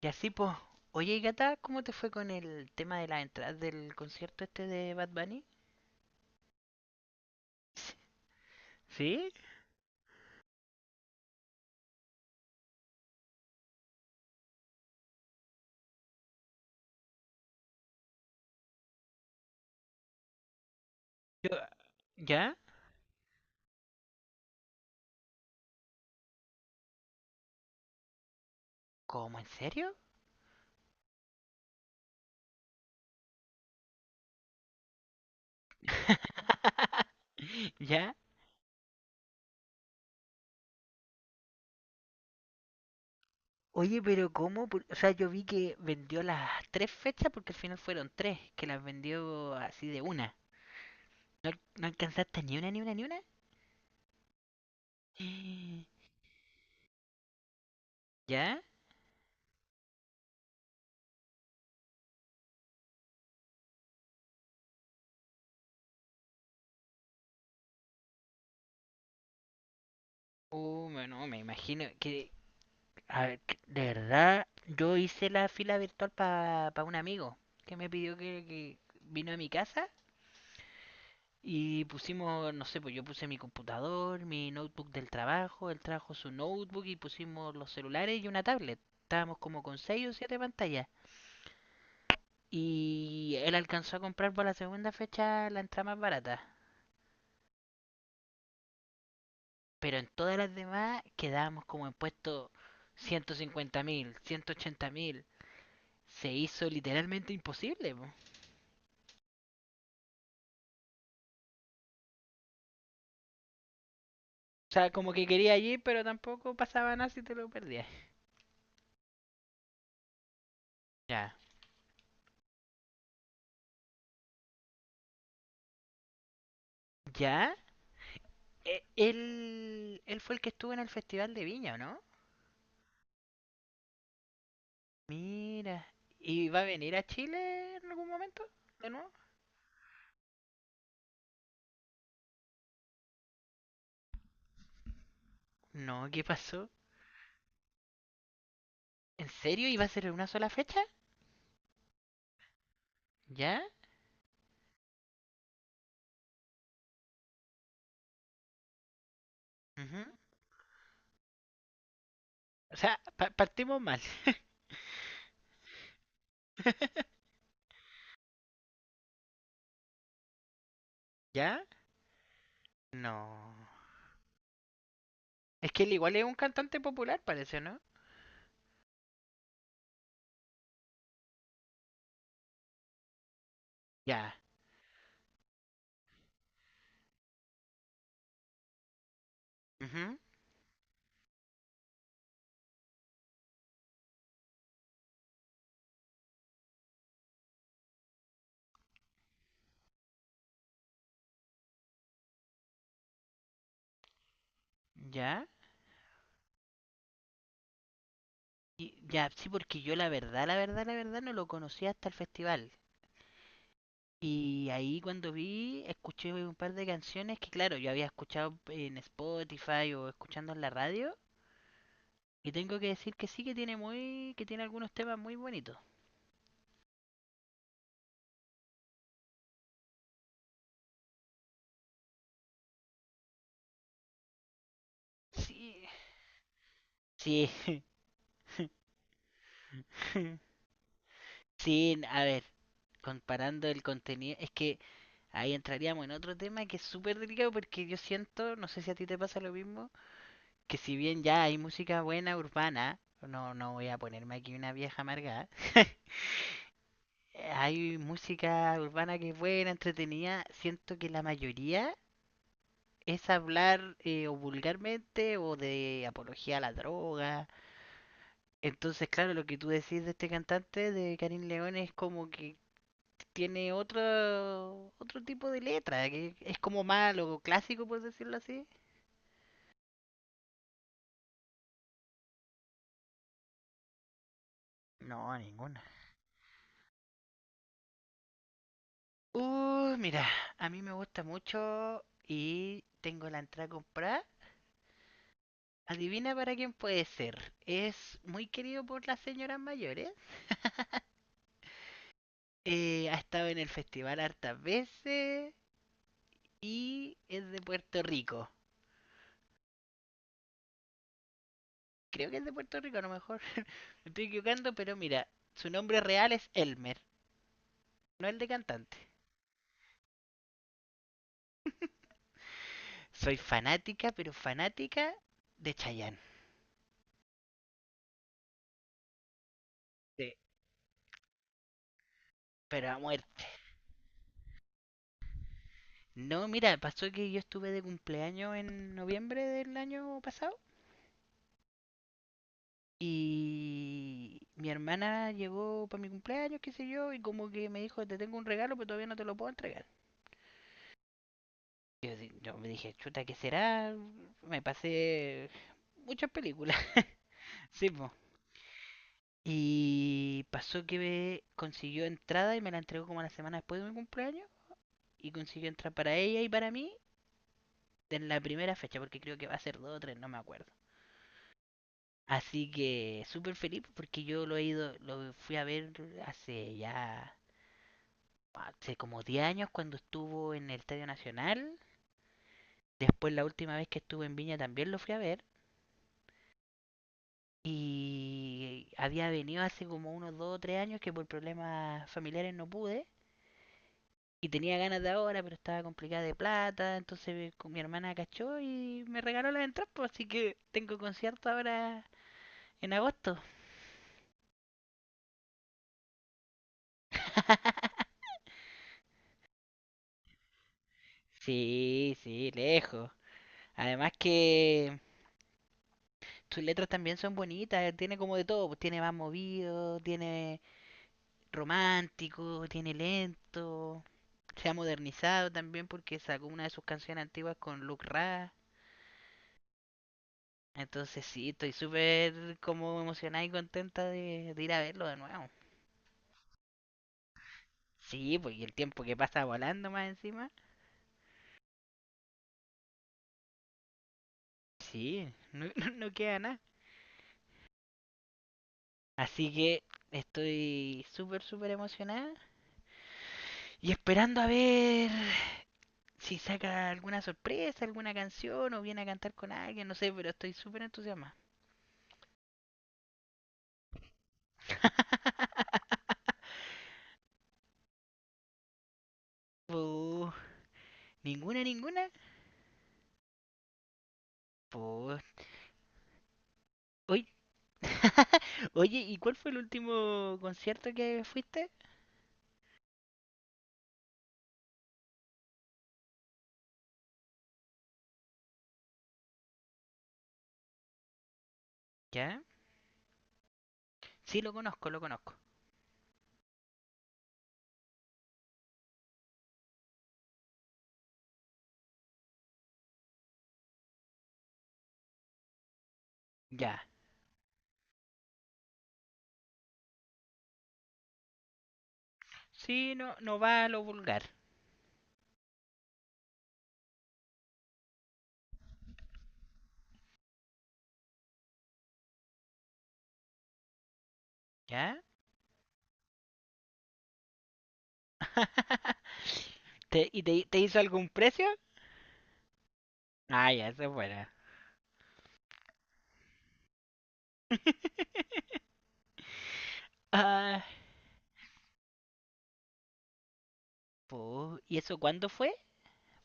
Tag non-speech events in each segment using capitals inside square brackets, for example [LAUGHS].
Y así, pues. Oye, y Gata, ¿cómo te fue con el tema de las entradas del concierto este de Bad Bunny? ¿Sí? Yo- ¿Ya? ¿Cómo? ¿En serio? [LAUGHS] ¿Ya? Oye, pero ¿cómo? O sea, yo vi que vendió las tres fechas porque al final fueron tres, que las vendió así de una. ¿No, no alcanzaste ni una, ni una, ni una? [GASPS] ¿Ya? Oh, no, me imagino que a ver, de verdad, yo hice la fila virtual para un amigo que me pidió que vino a mi casa y pusimos, no sé, pues yo puse mi computador, mi notebook del trabajo, él trajo su notebook y pusimos los celulares y una tablet. Estábamos como con 6 o 7 pantallas. Y él alcanzó a comprar por la segunda fecha la entrada más barata. Pero en todas las demás quedábamos como en puesto 150 mil, 180 mil. Se hizo literalmente imposible. Po. O sea, como que quería ir, pero tampoco pasaba nada si te lo perdías. Ya. ¿Ya? Él fue el que estuvo en el Festival de Viña, ¿o ¿no? Mira. ¿Y va a venir a Chile en algún momento? ¿De nuevo? No, ¿qué pasó? ¿En serio? ¿Iba a ser en una sola fecha? ¿Ya? Ujú. O sea, partimos mal. [LAUGHS] ¿Ya? No. Es que él igual es un cantante popular, parece, ¿no? Ya. Ujú. ¿Ya? Y, ya, sí, porque yo la verdad no lo conocía hasta el festival. Y ahí cuando vi, escuché un par de canciones que, claro, yo había escuchado en Spotify o escuchando en la radio. Y tengo que decir que sí que que tiene algunos temas muy bonitos. Sí, sí, [LAUGHS] sí, a ver, comparando el contenido, es que ahí entraríamos en otro tema que es súper delicado porque yo siento, no sé si a ti te pasa lo mismo, que si bien ya hay música buena urbana, no, no voy a ponerme aquí una vieja amargada. [LAUGHS] Hay música urbana que es buena, entretenida. Siento que la mayoría es hablar o vulgarmente o de apología a la droga. Entonces, claro, lo que tú decís de este cantante, de Karim León, es como que tiene otro tipo de letra, que es como malo clásico, por decirlo así. No, ninguna. Mira, a mí me gusta mucho y tengo la entrada comprada. Adivina para quién puede ser. Es muy querido por las señoras mayores. Ha estado en el festival hartas veces y es de Puerto Rico. Creo que es de Puerto Rico a lo mejor. [LAUGHS] Me estoy equivocando, pero mira, su nombre real es Elmer, no el de cantante. Soy fanática, pero fanática de Chayanne. Sí, pero a muerte. No, mira, pasó que yo estuve de cumpleaños en noviembre del año pasado. Y mi hermana llegó para mi cumpleaños, qué sé yo, y como que me dijo, te tengo un regalo, pero todavía no te lo puedo entregar. Yo, yo me dije, chuta, ¿qué será? Me pasé muchas películas. [LAUGHS] Sí, po. Y pasó que me consiguió entrada y me la entregó como una semana después de mi cumpleaños. Y consiguió entrar para ella y para mí en la primera fecha, porque creo que va a ser dos o tres, no me acuerdo. Así que súper feliz porque yo lo fui a ver hace ya, hace como 10 años cuando estuvo en el Estadio Nacional. Después la última vez que estuve en Viña también lo fui a ver. Y había venido hace como unos 2 o 3 años que por problemas familiares no pude. Y tenía ganas de ahora, pero estaba complicada de plata. Entonces con mi hermana cachó y me regaló las entradas. Pues, así que tengo concierto ahora en agosto. [LAUGHS] Sí, sí, lejos. Además que tus letras también son bonitas. Tiene como de todo. Pues tiene más movido, tiene romántico, tiene lento. Se ha modernizado también porque sacó una de sus canciones antiguas con Luke Ra. Entonces sí, estoy súper como emocionada y contenta de ir a verlo de nuevo. Sí, porque el tiempo que pasa volando más encima. Sí, no, [LAUGHS] no queda nada. Así que estoy súper, súper emocionada. Y esperando a ver si saca alguna sorpresa, alguna canción o viene a cantar con alguien, no sé, pero estoy súper entusiasmada. [LAUGHS] Pues, ninguna, ninguna. Pues, oye. [LAUGHS] Oye, ¿y cuál fue el último concierto que fuiste? ¿Ya? Sí, lo conozco, lo conozco. Ya. Sí, no, no va a lo vulgar. ¿Ya? [LAUGHS] ¿Y te hizo algún precio? Ah, ya, eso es buena. [LAUGHS] Ah, pues, ¿y eso cuándo fue?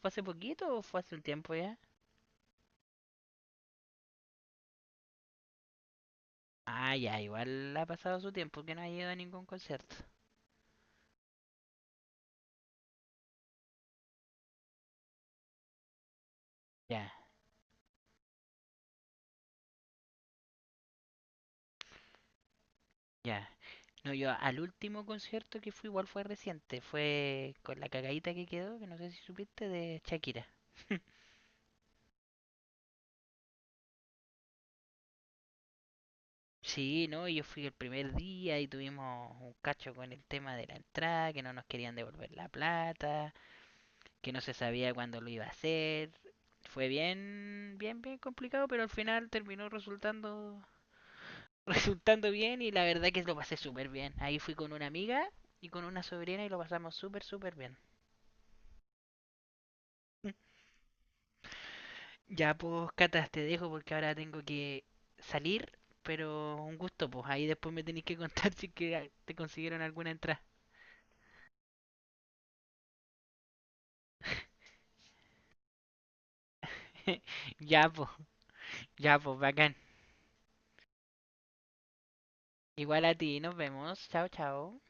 ¿Fue hace poquito o fue hace un tiempo ya? Ah, ya, igual ha pasado su tiempo que no ha ido a ningún concierto. Ya, ya. No, yo al último concierto que fui igual fue reciente, fue con la cagadita que quedó, que no sé si supiste, de Shakira. [LAUGHS] Sí, no, yo fui el primer día y tuvimos un cacho con el tema de la entrada, que no nos querían devolver la plata, que no se sabía cuándo lo iba a hacer. Fue bien complicado, pero al final terminó [LAUGHS] resultando bien y la verdad que lo pasé súper bien. Ahí fui con una amiga y con una sobrina y lo pasamos súper, súper bien. Ya, pues, Cata, te dejo porque ahora tengo que salir, pero un gusto, pues. Ahí después me tenéis que contar [LAUGHS] si que ah, te consiguieron alguna entrada. [LAUGHS] Ya, pues, ya, pues, bacán. Igual a ti, nos vemos. Chao, chao.